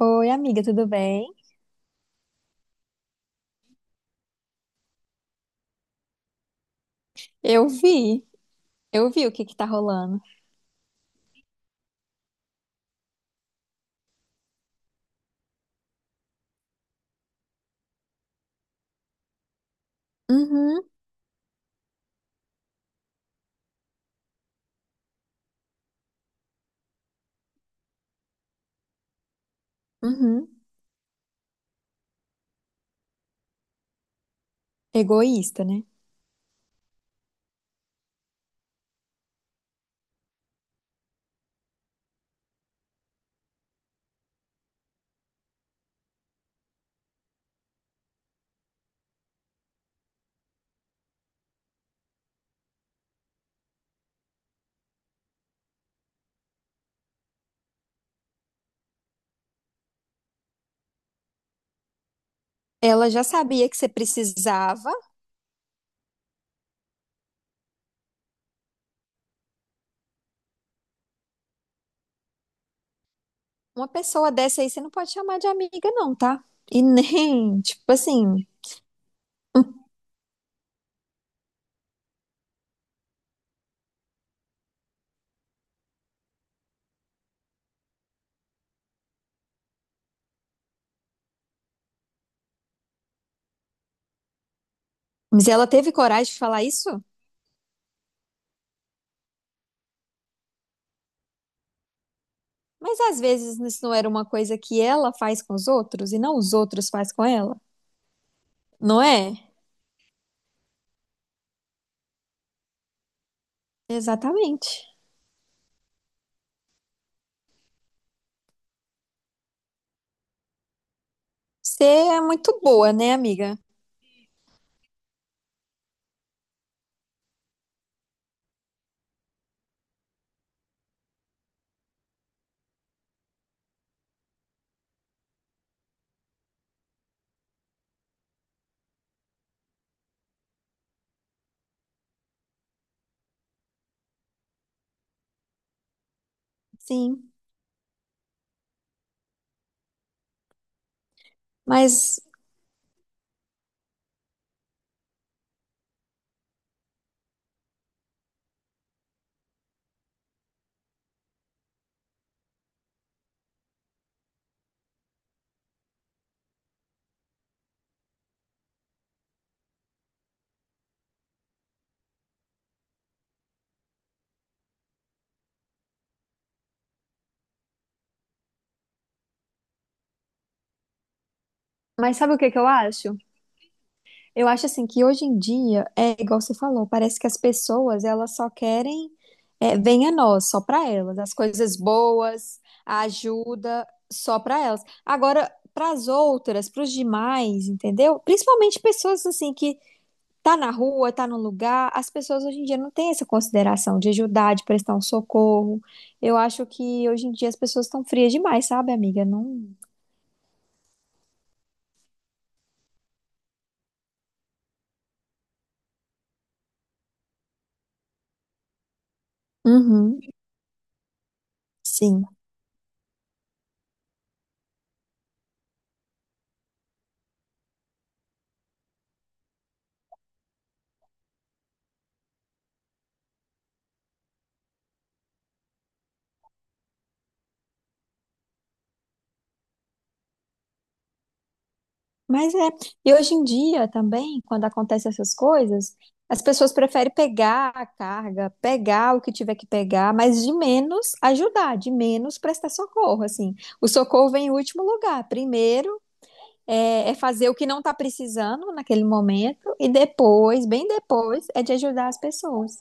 Oi, amiga, tudo bem? Eu vi, eu vi o que que tá rolando. Uhum, uhum. Egoísta, né? Ela já sabia que você precisava. Uma pessoa dessa aí você não pode chamar de amiga, não, tá? E nem, tipo assim. Mas ela teve coragem de falar isso? Mas às vezes isso não era uma coisa que ela faz com os outros e não os outros faz com ela, não é? Exatamente. Você é muito boa, né, amiga? Sim. Mas, mas sabe o que que eu acho? Eu acho assim que hoje em dia é igual você falou, parece que as pessoas elas só querem é, vem a nós, só para elas, as coisas boas, a ajuda só para elas. Agora para as outras, para os demais, entendeu? Principalmente pessoas assim que tá na rua, tá no lugar, as pessoas hoje em dia não têm essa consideração de ajudar, de prestar um socorro. Eu acho que hoje em dia as pessoas estão frias demais, sabe, amiga? Não. Uhum, sim. Mas é. E hoje em dia também, quando acontecem essas coisas, as pessoas preferem pegar a carga, pegar o que tiver que pegar, mas de menos ajudar, de menos prestar socorro, assim. O socorro vem em último lugar. Primeiro é, é fazer o que não está precisando naquele momento e depois, bem depois, é de ajudar as pessoas.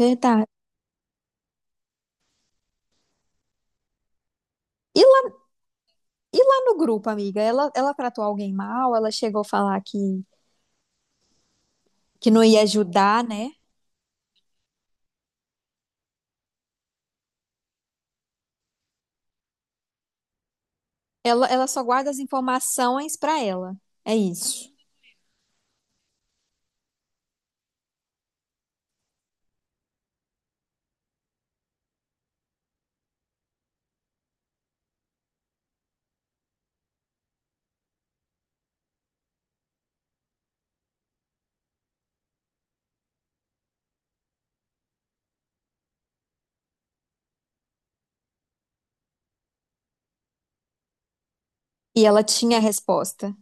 Verdade. E lá, e lá no grupo, amiga, ela tratou alguém mal? Ela chegou a falar que não ia ajudar, né? Ela só guarda as informações pra ela. É isso. E ela tinha a resposta.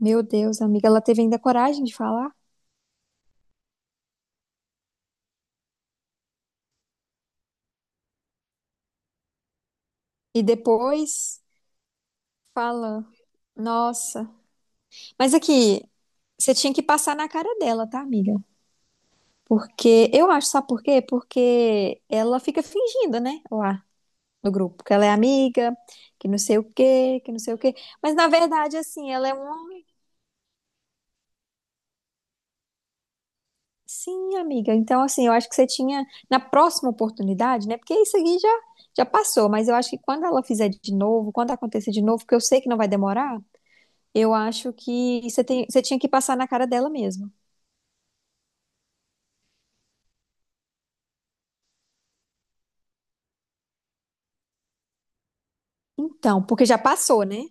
Meu Deus, amiga, ela teve ainda coragem de falar. E depois fala, nossa. Mas aqui, você tinha que passar na cara dela, tá, amiga? Porque eu acho, sabe por quê? Porque ela fica fingindo, né, lá no grupo, que ela é amiga, que não sei o quê, que não sei o quê. Mas na verdade, assim, ela é uma Sim, amiga. Então, assim, eu acho que você tinha, na próxima oportunidade, né? Porque isso aqui já, já passou, mas eu acho que quando ela fizer de novo, quando acontecer de novo, que eu sei que não vai demorar, eu acho que você tem, você tinha que passar na cara dela mesmo. Então, porque já passou, né?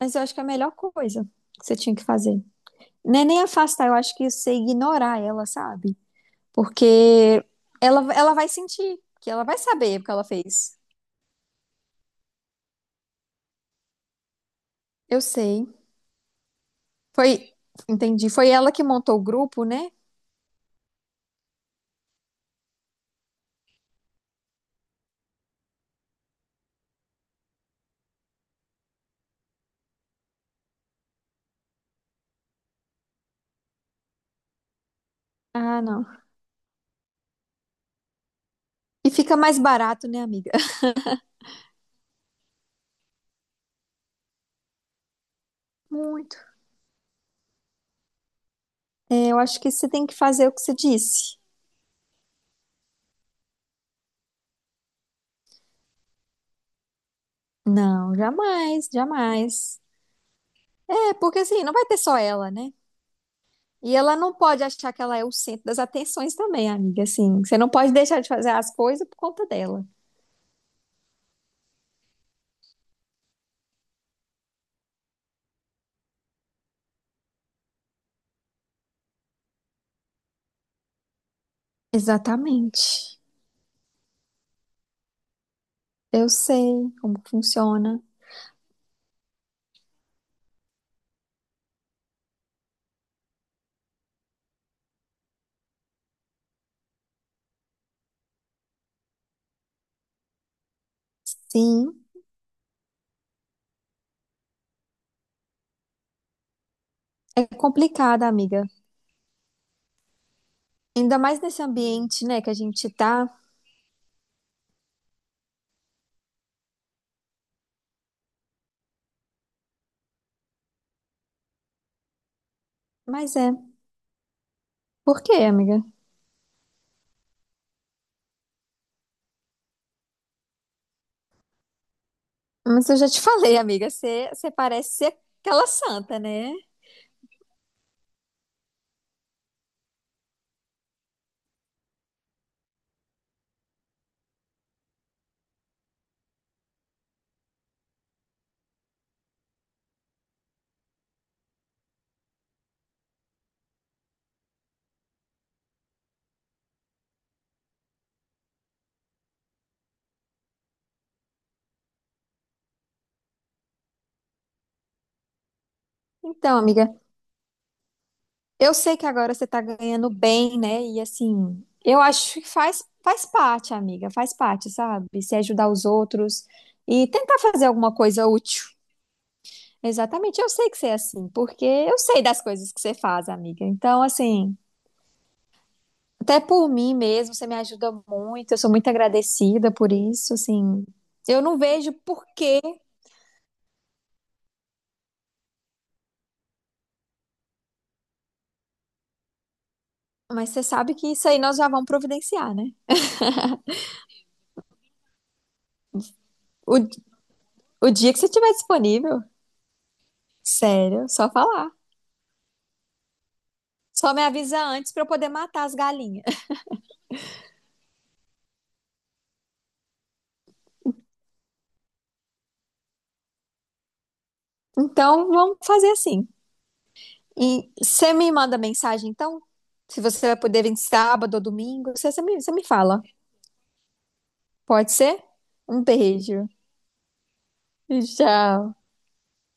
Mas eu acho que é a melhor coisa que você tinha que fazer. Não é nem afastar, eu acho que você ignorar ela, sabe? Porque ela vai sentir, que ela vai saber o que ela fez. Eu sei. Foi, entendi. Foi ela que montou o grupo, né? Ah, não. E fica mais barato, né, amiga? Muito. É, eu acho que você tem que fazer o que você disse. Não, jamais, jamais. É, porque assim, não vai ter só ela, né? E ela não pode achar que ela é o centro das atenções também, amiga. Assim, você não pode deixar de fazer as coisas por conta dela. Exatamente. Eu sei como funciona. Sim, é complicado, amiga. Ainda mais nesse ambiente, né, que a gente tá. Mas é. Por quê, amiga? Mas eu já te falei, amiga, você parece ser aquela santa, né? Então, amiga, eu sei que agora você tá ganhando bem, né? E assim, eu acho que faz parte, amiga, faz parte, sabe? Se ajudar os outros e tentar fazer alguma coisa útil. Exatamente, eu sei que você é assim, porque eu sei das coisas que você faz, amiga. Então, assim, até por mim mesmo, você me ajuda muito, eu sou muito agradecida por isso, assim. Eu não vejo por quê, mas você sabe que isso aí nós já vamos providenciar, né? O, o dia que você estiver disponível, sério, só falar. Só me avisa antes para eu poder matar as galinhas. Então, vamos fazer assim. E você me manda mensagem, então? Se você vai poder vir sábado ou domingo, você me fala. Pode ser? Um beijo. Tchau.